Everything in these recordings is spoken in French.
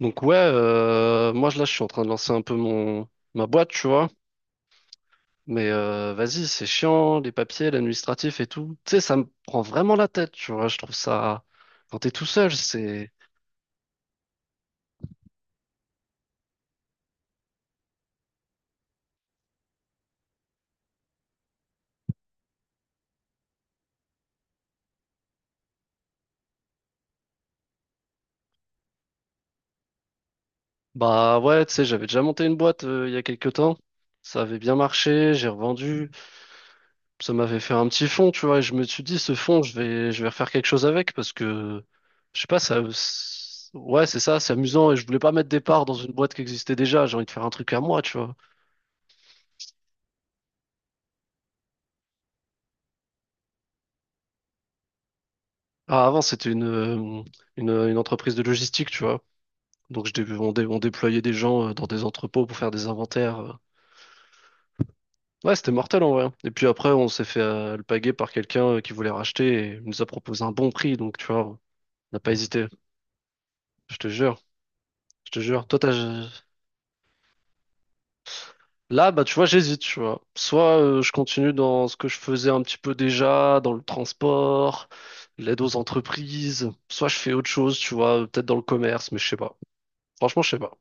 Donc ouais, là je suis en train de lancer un peu mon ma boîte, tu vois. Mais vas-y, c'est chiant, les papiers, l'administratif et tout. Tu sais, ça me prend vraiment la tête, tu vois. Je trouve ça quand t'es tout seul, c'est... Bah ouais, tu sais, j'avais déjà monté une boîte il y a quelques temps. Ça avait bien marché, j'ai revendu, ça m'avait fait un petit fond, tu vois. Et je me suis dit, ce fond, je vais refaire quelque chose avec, parce que je sais pas, ça... Ouais, c'est ça, c'est amusant et je voulais pas mettre des parts dans une boîte qui existait déjà. J'ai envie de faire un truc à moi, tu vois. Ah, avant, c'était une entreprise de logistique, tu vois. Donc, je dé- on, dé- on déployait des gens dans des entrepôts pour faire des inventaires. Ouais, c'était mortel en vrai. Et puis après, on s'est fait alpaguer par quelqu'un qui voulait racheter et il nous a proposé un bon prix. Donc, tu vois, on n'a pas hésité. Je te jure, je te jure. Toi, t'as... Là, bah, tu vois, j'hésite, tu vois. Soit je continue dans ce que je faisais un petit peu déjà, dans le transport, l'aide aux entreprises. Soit je fais autre chose, tu vois, peut-être dans le commerce, mais je sais pas. Franchement, je sais pas.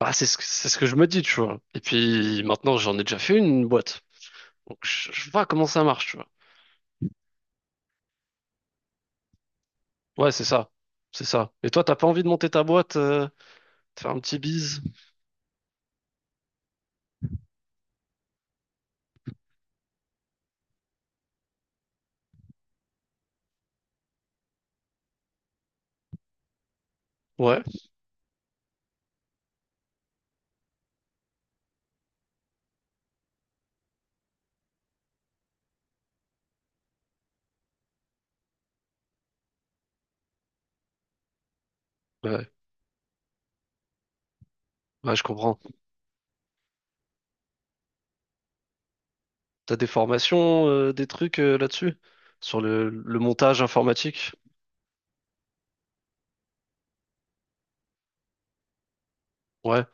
Bah, c'est ce que je me dis, tu vois. Et puis maintenant, j'en ai déjà fait une boîte. Donc, je vois comment ça marche, tu vois. Ouais, c'est ça. C'est ça. Et toi, t'as pas envie de monter ta boîte, te faire un petit bise? Ouais, ouais, ouais, je comprends. T'as des formations, des trucs là-dessus? Sur le montage informatique? Ouais,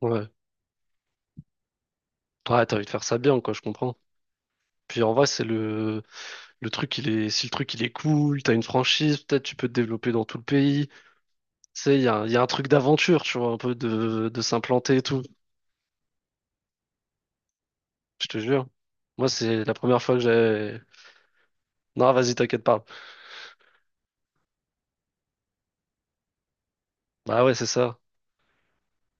ouais. Ouais, t'as envie de faire ça bien, quoi, je comprends. Puis en vrai, c'est le truc, si le truc, il est cool, t'as une franchise, peut-être tu peux te développer dans tout le pays. Tu sais, il y a un truc d'aventure, tu vois, un peu de s'implanter et tout. Je te jure. Moi, c'est la première fois que j'avais... Non, vas-y, t'inquiète, parle. Bah ouais, c'est ça.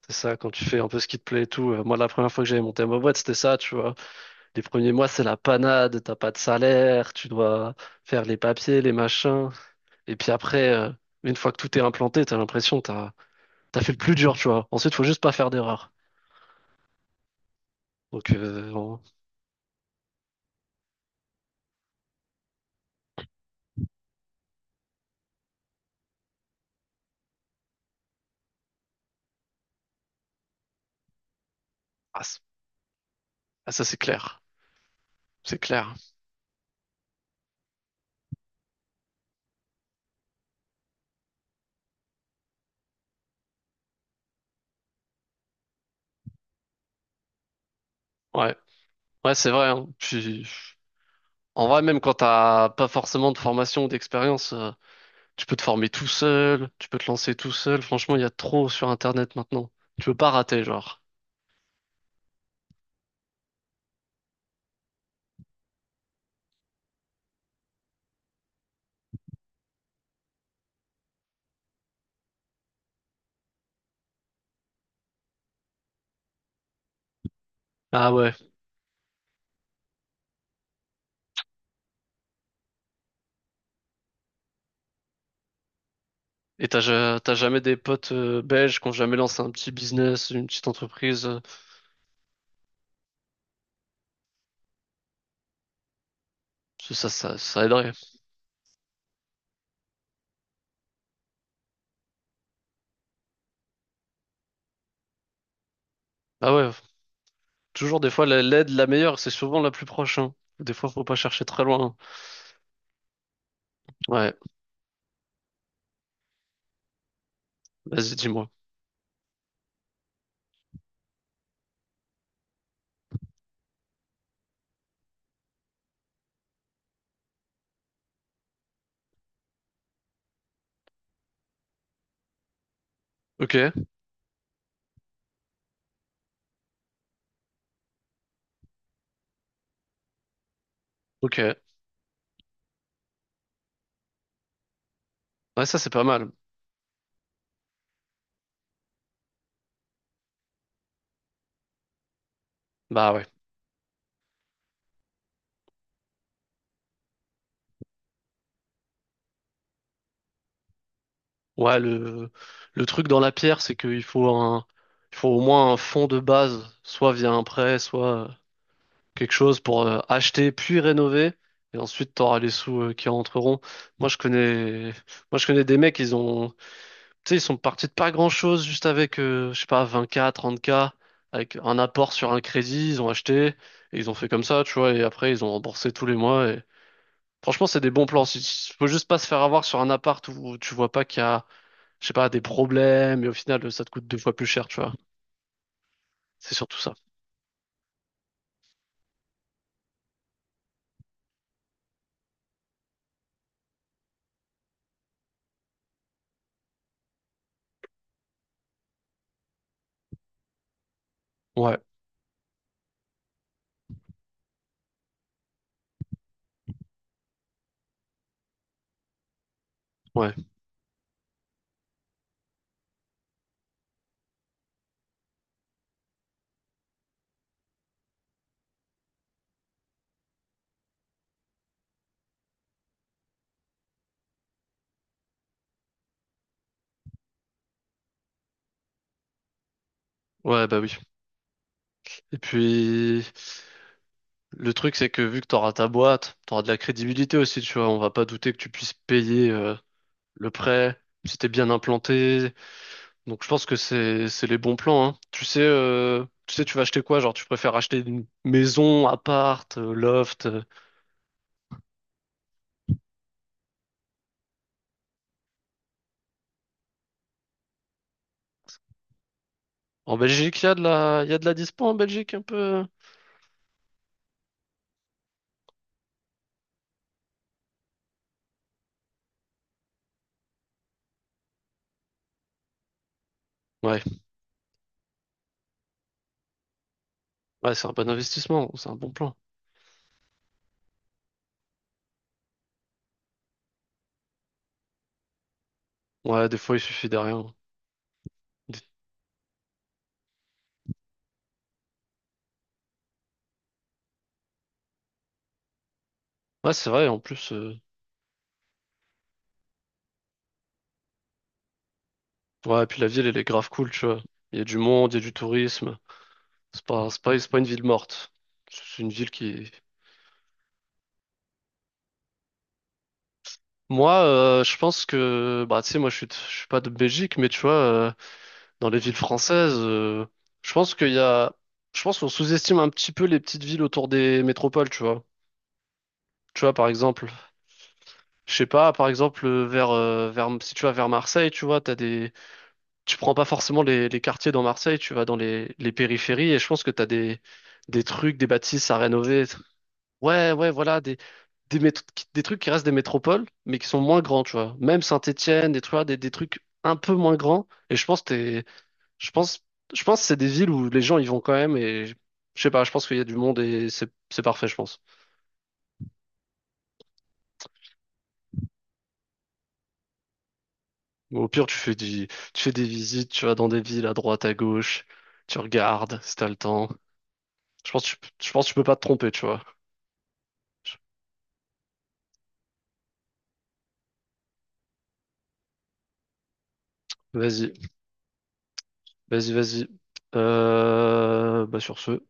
C'est ça, quand tu fais un peu ce qui te plaît et tout. Moi, la première fois que j'avais monté ma boîte, c'était ça, tu vois. Les premiers mois, c'est la panade, t'as pas de salaire, tu dois faire les papiers, les machins. Et puis après, une fois que tout est implanté, t'as l'impression que t'as fait le plus dur, tu vois. Ensuite, faut juste pas faire d'erreur. Donc, euh, on- ah, c- ah, ça, c'est clair. C'est clair. Ouais, ouais, c'est vrai, hein. Puis, en vrai, même quand t'as pas forcément de formation ou d'expérience, tu peux te former tout seul, tu peux te lancer tout seul. Franchement, il y a trop sur Internet maintenant. Tu peux pas rater, genre. Ah ouais. Et t'as jamais des potes belges qui ont jamais lancé un petit business, une petite entreprise. Ça aiderait. Ah ouais. Toujours des fois, l'aide la meilleure, c'est souvent la plus proche, hein. Des fois, faut pas chercher très loin. Hein. Ouais. Vas-y, dis-moi. Ok. Ok. Ouais, ça, c'est pas mal. Bah ouais. Ouais, le truc dans la pierre, c'est qu'il faut au moins un fonds de base, soit via un prêt, soit... quelque chose pour acheter puis rénover. Et ensuite, tu auras les sous qui rentreront. Moi, je connais, moi, je connais des mecs, tu sais, ils sont partis de pas grand-chose juste avec, je sais pas, 20K, 30K, avec un apport sur un crédit, ils ont acheté, et ils ont fait comme ça, tu vois, et après, ils ont remboursé tous les mois. Et... Franchement, c'est des bons plans. Faut juste pas se faire avoir sur un appart où tu vois pas qu'il y a, je sais pas, des problèmes, et au final, ça te coûte deux fois plus cher, tu vois. C'est surtout ça. Ouais, ouais, ouais, bah oui. Et puis... Le truc, c'est que vu que t'auras ta boîte, t'auras de la crédibilité aussi, tu vois. On va pas douter que tu puisses payer le prêt si t'es bien implanté. Donc je pense que c'est les bons plans, hein. Tu sais, tu vas acheter quoi? Genre, tu préfères acheter une maison, appart, loft. En Belgique, il y a de la dispo en Belgique un peu. Ouais, ouais, c'est un bon investissement, c'est un bon plan. Ouais, des fois, il suffit de rien. Des- Ouais, c'est vrai, en plus. Ouais, puis la ville, elle est grave cool, tu vois. Il y a du monde, il y a du tourisme. C'est pas une ville morte. C'est une ville qui... Moi, je pense que... Bah, tu sais, moi, je suis pas de Belgique, mais tu vois, dans les villes françaises, je pense qu'il y a... Je pense qu'on sous-estime un petit peu les petites villes autour des métropoles, tu vois. Tu vois, par exemple, je sais pas, par exemple, vers, si tu vas vers Marseille, tu vois, t'as des... Tu prends pas forcément les quartiers dans Marseille, tu vas dans les périphéries, et je pense que t'as des trucs, des bâtisses à rénover. Ouais, ouais, voilà, des, mét- des trucs qui restent des métropoles, mais qui sont moins grands, tu vois. Même Saint-Étienne, tu vois, des trucs un peu moins grands. Et je pense, je pense que c'est des villes où les gens y vont quand même. Et je sais pas, je pense qu'il y a du monde et c'est parfait, je pense. Ou au pire, tu fais des visites, tu vas dans des villes à droite, à gauche, tu regardes si t'as le temps. Je pense que tu peux pas te tromper, tu vois. Vas-y, vas-y, vas-y. Bah sur ce.